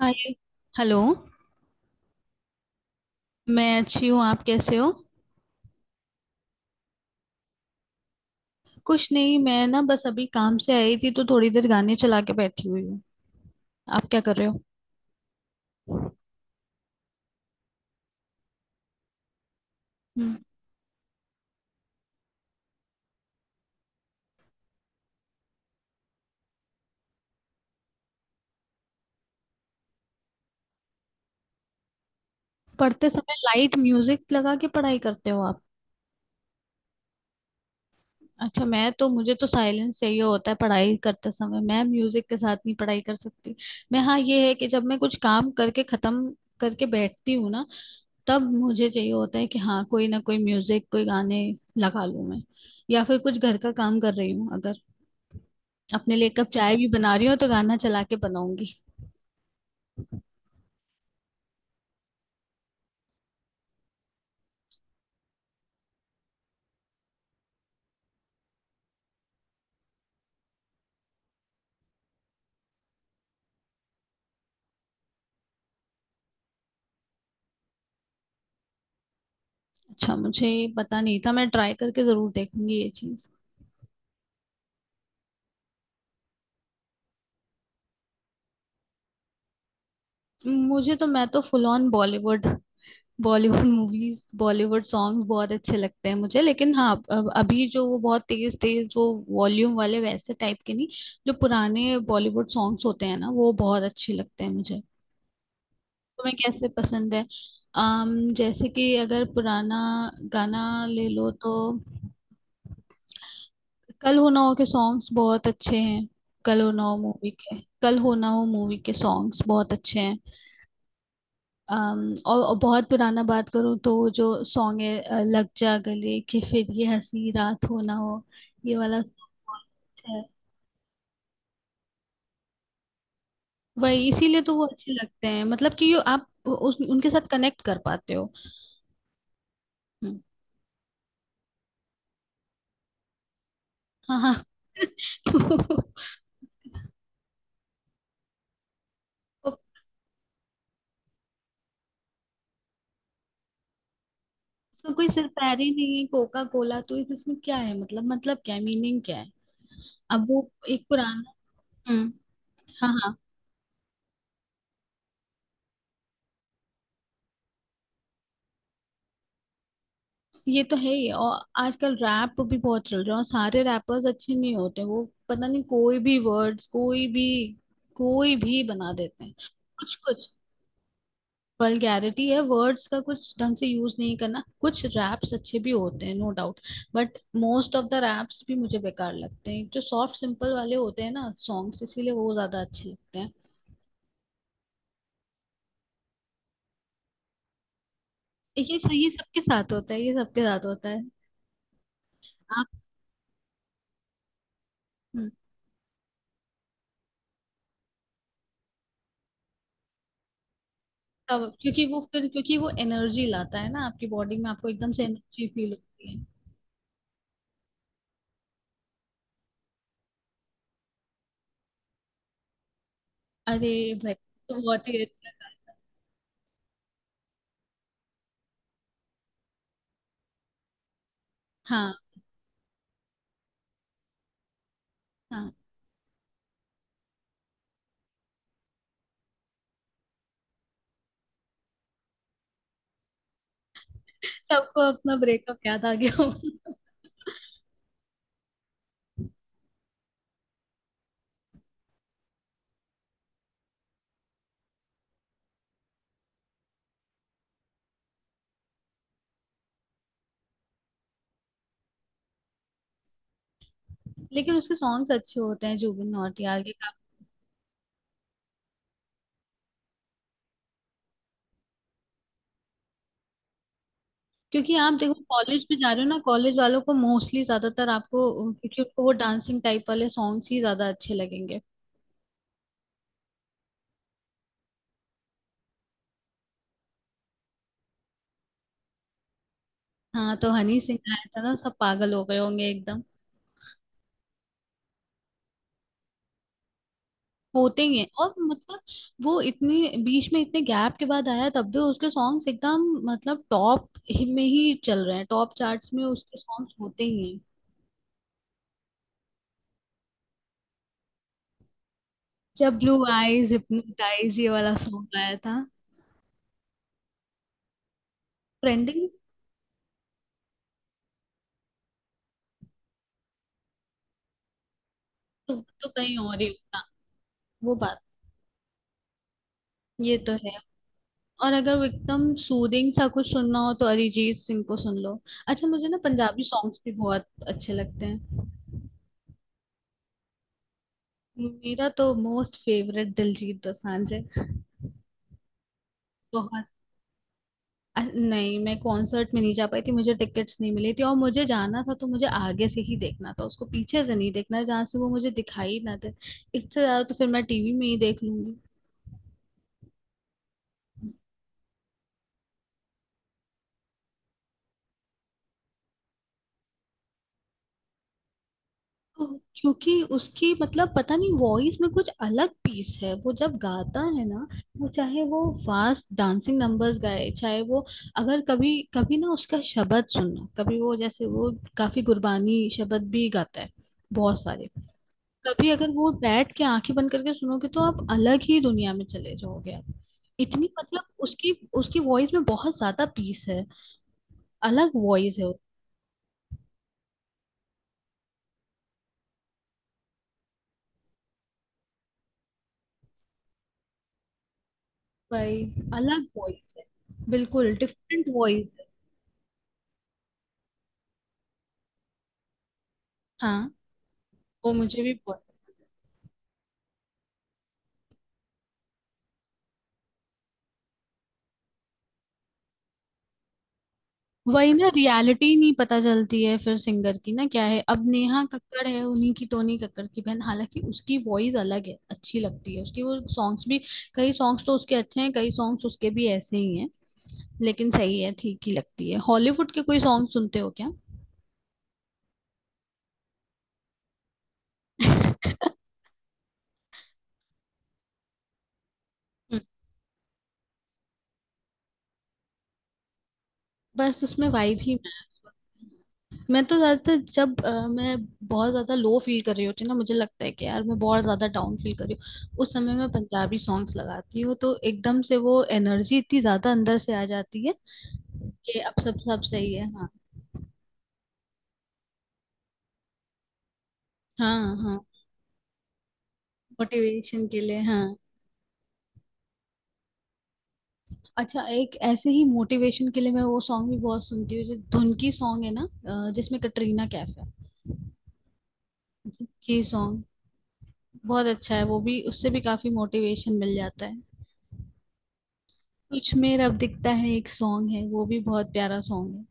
हाय। Hello. मैं अच्छी हूँ, आप कैसे हो? कुछ नहीं, मैं ना बस अभी काम से आई थी तो थोड़ी देर गाने चला के बैठी हुई हूँ। आप क्या कर रहे हो? हम्म। पढ़ते समय लाइट म्यूजिक लगा के पढ़ाई करते हो आप? अच्छा, मैं तो मुझे तो साइलेंस चाहिए होता है पढ़ाई करते समय। मैं म्यूजिक के साथ नहीं पढ़ाई कर सकती। मैं हाँ ये है कि जब मैं कुछ काम करके खत्म करके बैठती हूँ ना, तब मुझे चाहिए होता है कि हाँ कोई ना कोई म्यूजिक, कोई गाने लगा लूँ मैं। या फिर कुछ घर का काम कर रही हूँ अगर, अपने लिए एक कप चाय भी बना रही हूँ तो गाना चला के बनाऊंगी। अच्छा, मुझे ये पता नहीं था। मैं ट्राई करके जरूर देखूंगी ये चीज। मुझे तो मैं तो full on Bollywood, Bollywood movies, Bollywood songs बहुत अच्छे लगते हैं मुझे। लेकिन हाँ, अभी जो वो बहुत तेज तेज वो वॉल्यूम वाले, वैसे टाइप के नहीं। जो पुराने बॉलीवुड सॉन्ग्स होते हैं ना, वो बहुत अच्छे लगते हैं मुझे। तुम्हें कैसे पसंद है? अम जैसे कि अगर पुराना गाना ले लो तो, कल हो ना हो के सॉन्ग्स बहुत अच्छे हैं। कल हो ना हो मूवी के, कल हो ना हो मूवी के सॉन्ग्स बहुत अच्छे हैं। और बहुत पुराना बात करूँ तो वो जो सॉन्ग है लग जा गले कि फिर ये हंसी रात हो ना हो, ये वाला song बहुत अच्छा है। वही, इसीलिए तो वो अच्छे लगते हैं। मतलब कि यो आप उस उनके साथ कनेक्ट कर पाते हो। हम्म। हाँ, हाँ। उसका कोई सिर पैर ही नहीं है। कोका कोला, तो इसमें क्या है? मतलब क्या है, मीनिंग क्या है? अब वो एक पुराना। हम्म। हाँ, हाँ, ये तो है ही। और आजकल रैप भी बहुत चल रहा है और सारे रैपर्स अच्छे नहीं होते। वो पता नहीं, कोई भी कोई भी बना देते हैं। कुछ कुछ वल्गैरिटी है, वर्ड्स का कुछ ढंग से यूज नहीं करना। कुछ रैप्स अच्छे भी होते हैं, no doubt. But most of the raps भी मुझे बेकार लगते हैं। जो सॉफ्ट सिंपल वाले होते हैं ना सॉन्ग्स, इसीलिए वो ज्यादा अच्छे लगते हैं। ये सबके साथ होता है, ये सबके साथ होता है। आप। हम्म। तब, क्योंकि वो फिर क्योंकि वो एनर्जी लाता है ना आपकी बॉडी में, आपको एकदम से एनर्जी फील होती है। अरे, भाई तो बहुत ही अच्छा था। हाँ, हाँ। सबको अपना ब्रेकअप याद आ गया होगा। लेकिन उसके सॉन्ग्स अच्छे होते हैं जुबिन नौटियाल के, काफी। क्योंकि आप देखो कॉलेज में जा रहे हो ना, कॉलेज वालों को मोस्टली, ज्यादातर आपको, क्योंकि उनको वो डांसिंग टाइप वाले सॉन्ग्स ही ज्यादा अच्छे लगेंगे। हाँ तो हनी सिंह आया था ना, सब पागल हो गए होंगे एकदम। होते ही हैं। और मतलब वो इतने, बीच में इतने गैप के बाद आया तब भी उसके सॉन्ग्स एकदम, मतलब टॉप में ही चल रहे हैं। टॉप चार्ट्स में उसके सॉन्ग्स होते ही हैं। जब ब्लू आईज हिप्नोटाइज ये वाला सॉन्ग आया था। ट्रेंडिंग। तो कहीं और ही होता वो बात। ये तो है। और अगर वो एकदम सूदिंग सा कुछ सुनना हो तो अरिजीत सिंह को सुन लो। अच्छा, मुझे ना पंजाबी सॉन्ग्स भी बहुत अच्छे लगते हैं। मेरा तो मोस्ट फेवरेट दिलजीत दोसांझ है। बहुत। नहीं, मैं कॉन्सर्ट में नहीं जा पाई थी। मुझे टिकट्स नहीं मिली थी और मुझे जाना था तो मुझे आगे से ही देखना था उसको। पीछे से नहीं देखना जहां से वो मुझे दिखाई ना दे। इससे ज्यादा तो फिर मैं टीवी में ही देख लूंगी। तो क्योंकि उसकी, मतलब पता नहीं, वॉइस में कुछ अलग पीस है। वो जब गाता है ना, वो चाहे वो फास्ट डांसिंग नंबर्स गाए, चाहे वो, अगर कभी कभी ना उसका शब्द सुनना। कभी वो, जैसे वो काफी गुरबानी शब्द भी गाता है, बहुत सारे। कभी अगर वो बैठ के आंखें बंद करके सुनोगे तो आप अलग ही दुनिया में चले जाओगे आप। इतनी मतलब उसकी, उसकी वॉइस में बहुत ज्यादा पीस है। अलग वॉइस है। भाई, अलग वॉइस है, बिल्कुल डिफरेंट वॉइस है। हाँ। वो मुझे भी बहुत। वही ना, रियलिटी नहीं पता चलती है फिर सिंगर की। ना क्या है अब, नेहा कक्कड़ है उन्हीं की, टोनी कक्कड़ की बहन। हालांकि उसकी वॉइस अलग है, अच्छी लगती है उसकी वो सॉन्ग्स भी। कई सॉन्ग्स तो उसके अच्छे हैं, कई सॉन्ग्स उसके भी ऐसे ही हैं। लेकिन सही है, ठीक ही लगती है। हॉलीवुड के कोई सॉन्ग सुनते हो क्या? हम्म। बस उसमें वाइब ही। मैं तो ज्यादातर जब मैं बहुत ज्यादा लो फील कर रही होती हूँ ना, मुझे लगता है कि यार मैं बहुत ज्यादा डाउन फील कर रही हूँ, उस समय मैं पंजाबी सॉन्ग्स लगाती हूँ तो एकदम से वो एनर्जी इतनी ज्यादा अंदर से आ जाती है कि अब सब सब सही है। हाँ। हाँ, हाँ। मोटिवेशन के लिए, हाँ। अच्छा, एक ऐसे ही मोटिवेशन के लिए मैं वो सॉन्ग भी बहुत सुनती हूँ, जो धुन की सॉन्ग है ना, जिसमें कटरीना कैफ है। धुन की सॉन्ग, बहुत अच्छा है वो भी। उससे भी काफी मोटिवेशन मिल जाता है। कुछ में अब दिखता है, एक सॉन्ग है, वो भी बहुत प्यारा सॉन्ग है।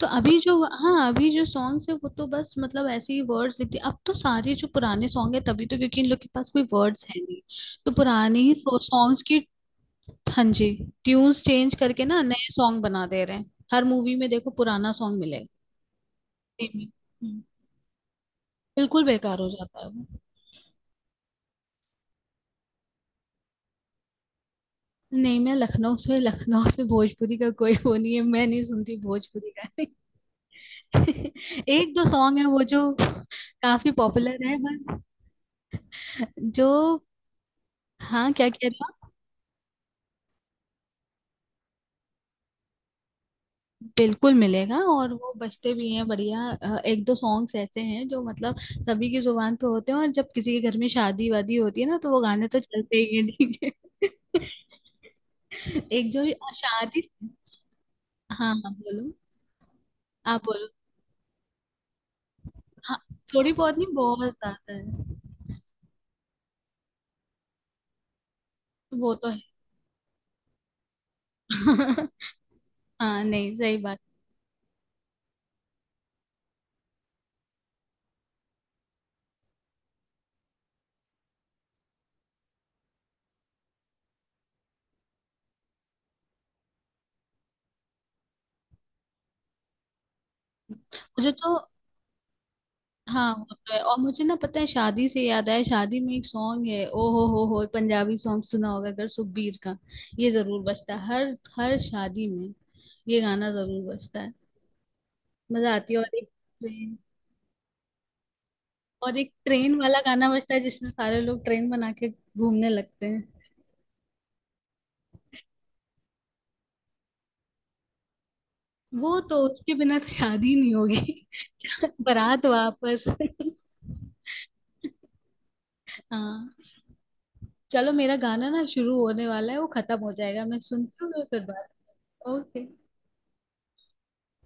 तो अभी जो, हाँ अभी जो सॉन्ग्स है वो तो बस मतलब ऐसे ही वर्ड्स दिखते हैं। अब तो सारे जो पुराने सॉन्ग है तभी तो, क्योंकि इन लोग के पास कोई वर्ड्स है नहीं, तो पुराने ही सॉन्ग्स की। हाँ जी। ट्यून्स चेंज करके ना नए सॉन्ग बना दे रहे हैं। हर मूवी में देखो पुराना सॉन्ग मिलेगा। हम्म। बिल्कुल बेकार हो जाता है वो। नहीं, मैं लखनऊ से, लखनऊ से भोजपुरी का कोई वो नहीं है। मैं नहीं सुनती भोजपुरी का। एक दो सॉन्ग है वो जो काफी पॉपुलर है, बट। जो, हाँ क्या कह रहा। बिल्कुल मिलेगा और वो बजते भी हैं बढ़िया। एक दो सॉन्ग्स ऐसे हैं जो मतलब सभी की जुबान पे होते हैं। और जब किसी के घर में शादी वादी होती है ना तो वो गाने तो चलते ही हैं, ठीक है। एक जो शादी। हाँ हाँ बोलो। आप बोलो। हाँ। थोड़ी बहुत नहीं, बहुत आता है। वो तो है। हाँ नहीं, सही बात। मुझे तो, हाँ होता है। और मुझे ना, पता है, शादी से याद आया, शादी में एक सॉन्ग है ओ हो, पंजाबी सॉन्ग सुना होगा अगर, सुखबीर का। ये जरूर बजता है हर, हर शादी में। ये गाना जरूर बजता है, मजा आती है। ट्रेन और एक ट्रेन वाला गाना बजता है जिसमें सारे लोग ट्रेन बना के घूमने लगते हैं। वो तो उसके बिना तो शादी नहीं होगी। बारात वापस। हाँ। चलो, मेरा गाना ना शुरू होने वाला है, वो खत्म हो जाएगा, मैं सुनती हूँ। मैं फिर बात। ओके।